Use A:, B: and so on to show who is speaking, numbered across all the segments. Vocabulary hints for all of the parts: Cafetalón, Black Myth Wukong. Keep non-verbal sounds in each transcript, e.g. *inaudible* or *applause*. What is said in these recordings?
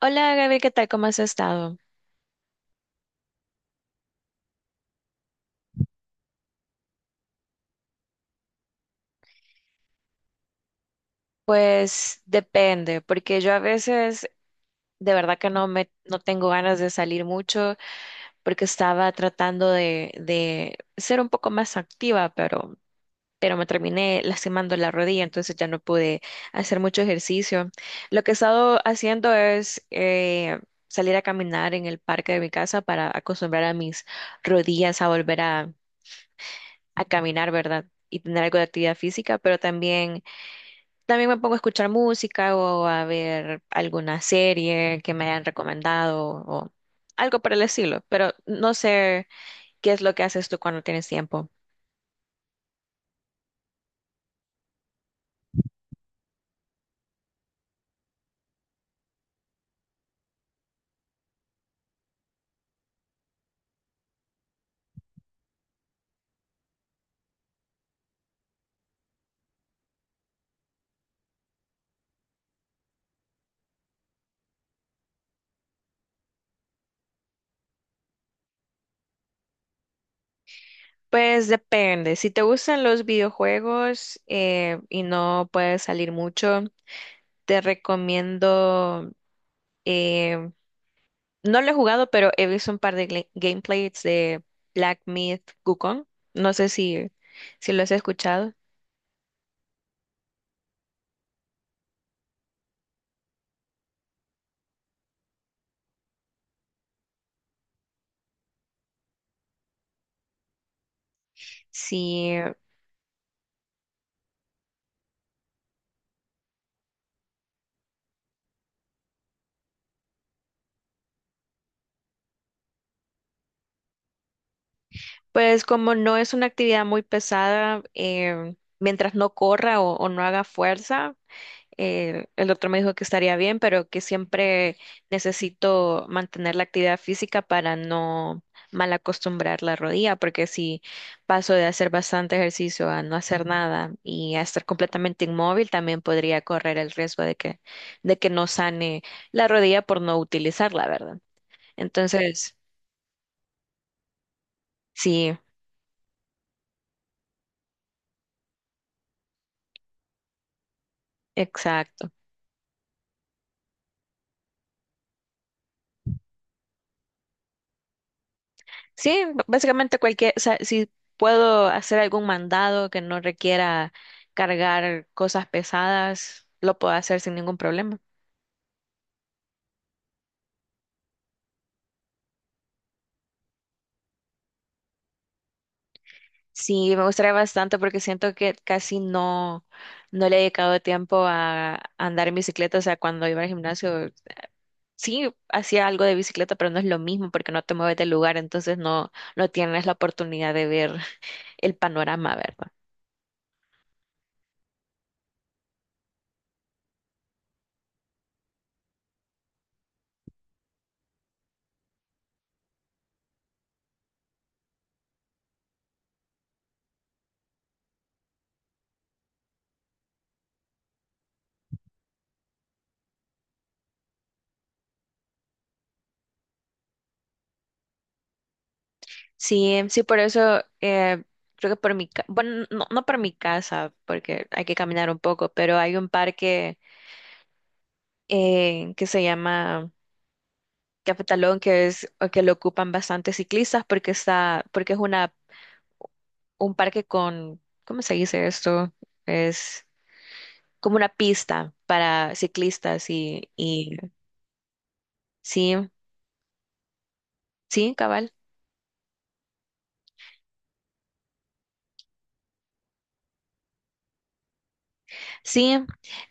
A: Hola Gaby, ¿qué tal? ¿Cómo has estado? Pues depende, porque yo a veces de verdad que no tengo ganas de salir mucho porque estaba tratando de ser un poco más activa, pero me terminé lastimando la rodilla, entonces ya no pude hacer mucho ejercicio. Lo que he estado haciendo es salir a caminar en el parque de mi casa para acostumbrar a mis rodillas a a caminar, ¿verdad? Y tener algo de actividad física, pero también me pongo a escuchar música o a ver alguna serie que me hayan recomendado o algo por el estilo, pero no sé qué es lo que haces tú cuando tienes tiempo. Pues depende, si te gustan los videojuegos y no puedes salir mucho, te recomiendo, eh, no lo he jugado, pero he visto un par de gameplays de Black Myth Wukong, no sé si lo has escuchado. Sí. Pues como no es una actividad muy pesada, mientras no corra o no haga fuerza, el doctor me dijo que estaría bien, pero que siempre necesito mantener la actividad física para no mal acostumbrar la rodilla, porque si paso de hacer bastante ejercicio a no hacer nada y a estar completamente inmóvil, también podría correr el riesgo de que no sane la rodilla por no utilizarla, ¿verdad? Entonces, sí, exacto. Sí, básicamente cualquier, o sea, si puedo hacer algún mandado que no requiera cargar cosas pesadas, lo puedo hacer sin ningún problema. Sí, me gustaría bastante porque siento que casi no, no le he dedicado tiempo a andar en bicicleta. O sea, cuando iba al gimnasio, sí hacía algo de bicicleta, pero no es lo mismo porque no te mueves del lugar, no tienes la oportunidad de ver el panorama, ¿verdad? Sí, sí, por eso creo que por mi, ca- bueno, no, no por mi casa, porque hay que caminar un poco, pero hay un parque que se llama Cafetalón, que es o que lo ocupan bastantes ciclistas porque es una un parque con, ¿cómo se dice esto? Es como una pista para ciclistas y sí, sí, cabal. Sí,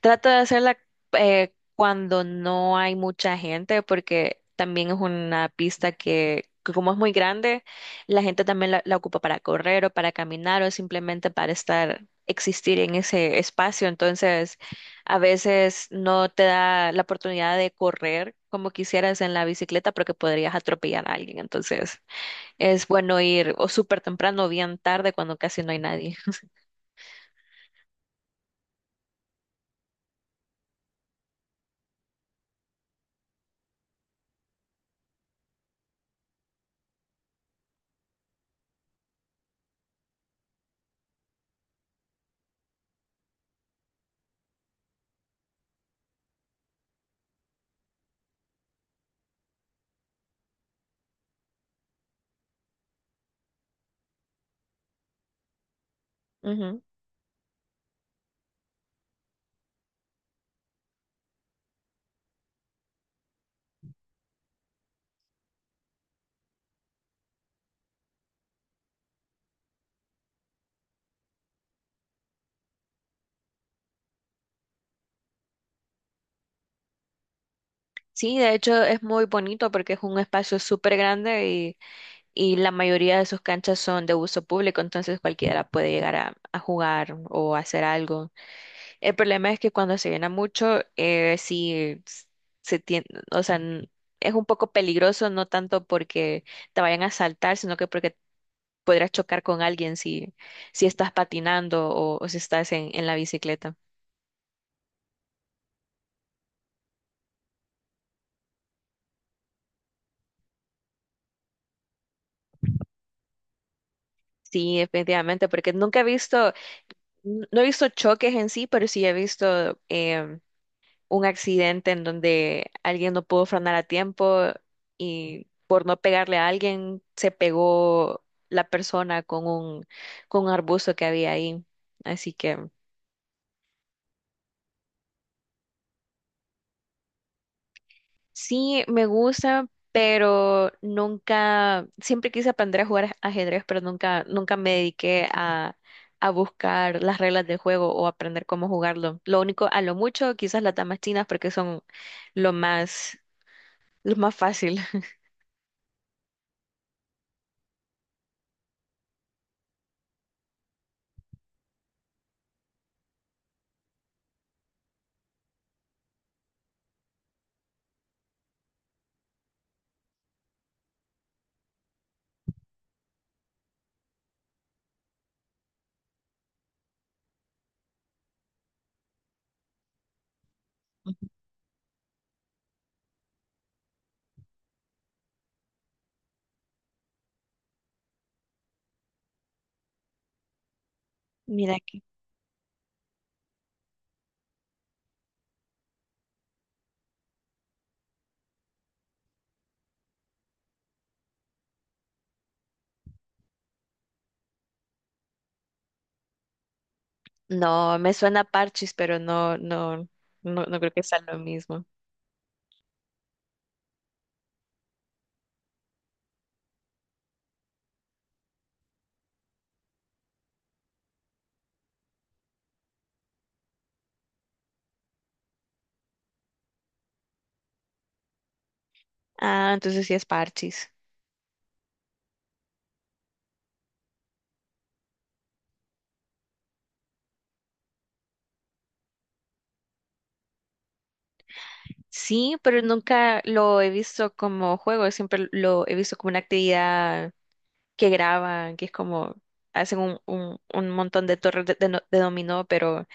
A: trato de hacerla cuando no hay mucha gente, porque también es una pista que como es muy grande, la gente también la ocupa para correr o para caminar o simplemente para estar, existir en ese espacio. Entonces, a veces no te da la oportunidad de correr como quisieras en la bicicleta porque podrías atropellar a alguien. Entonces, es bueno ir o súper temprano o bien tarde cuando casi no hay nadie. Ujú. Sí, de hecho es muy bonito porque es un espacio súper grande y la mayoría de sus canchas son de uso público, entonces cualquiera puede llegar a jugar o hacer algo. El problema es que cuando se llena mucho, se tiene, o sea, es un poco peligroso, no tanto porque te vayan a saltar, sino que porque podrías chocar con alguien si estás patinando o si estás en la bicicleta. Sí, efectivamente, porque nunca he visto. No he visto choques en sí, pero sí he visto un accidente en donde alguien no pudo frenar a tiempo y por no pegarle a alguien se pegó la persona con con un arbusto que había ahí. Así que... Sí, me gusta, pero nunca, siempre quise aprender a jugar ajedrez, pero nunca, nunca me dediqué a buscar las reglas del juego o aprender cómo jugarlo. Lo único, a lo mucho, quizás las damas chinas porque son lo más, lo más fácil. *laughs* Mira aquí. No, me suena parchis, pero no, no, no, no creo que sea lo mismo. Ah, entonces sí es parchis. Sí, pero nunca lo he visto como juego, siempre lo he visto como una actividad que graban, que es como hacen un montón de torres de no- de dominó,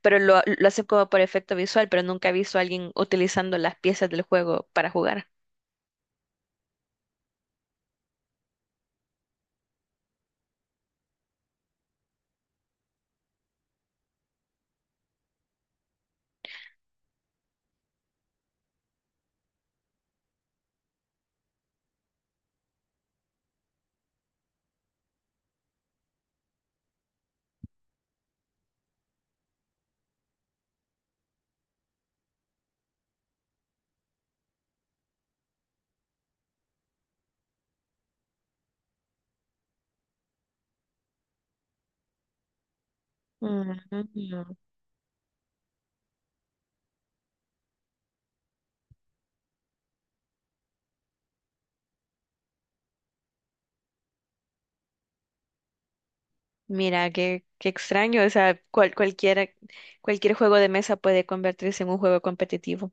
A: pero lo hacen como por efecto visual, pero nunca he visto a alguien utilizando las piezas del juego para jugar. Ujú. Mira, qué, qué extraño, o sea, cualquier juego de mesa puede convertirse en un juego competitivo.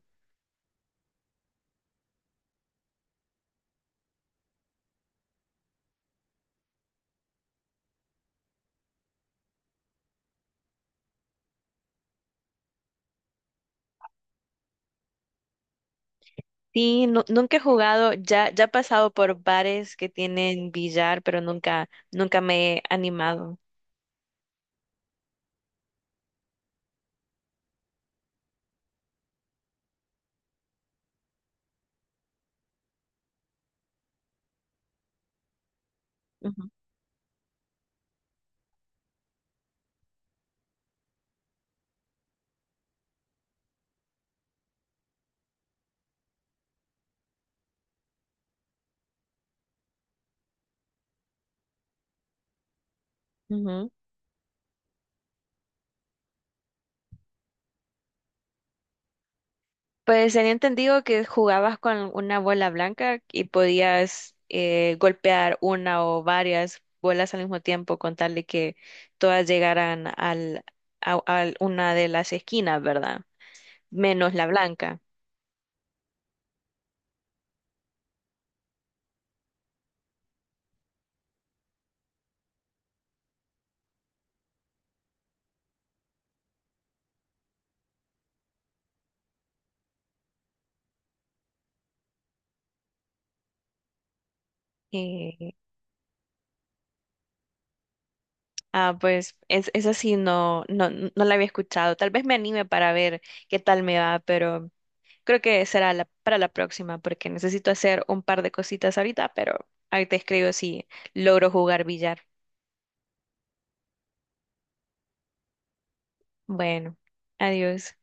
A: Sí, nunca he jugado, ya, ya he pasado por bares que tienen billar, pero nunca, nunca me he animado. Ujú, ujú. Pues tenía entendido que jugabas con una bola blanca y podías golpear una o varias bolas al mismo tiempo con tal de que todas llegaran a una de las esquinas, ¿verdad? Menos la blanca. Eh, pues esa sí no, no, no la había escuchado. Tal vez me anime para ver qué tal me va, pero creo que será para la próxima porque necesito hacer un par de cositas ahorita, pero ahí te escribo si logro jugar billar. Bueno, adiós.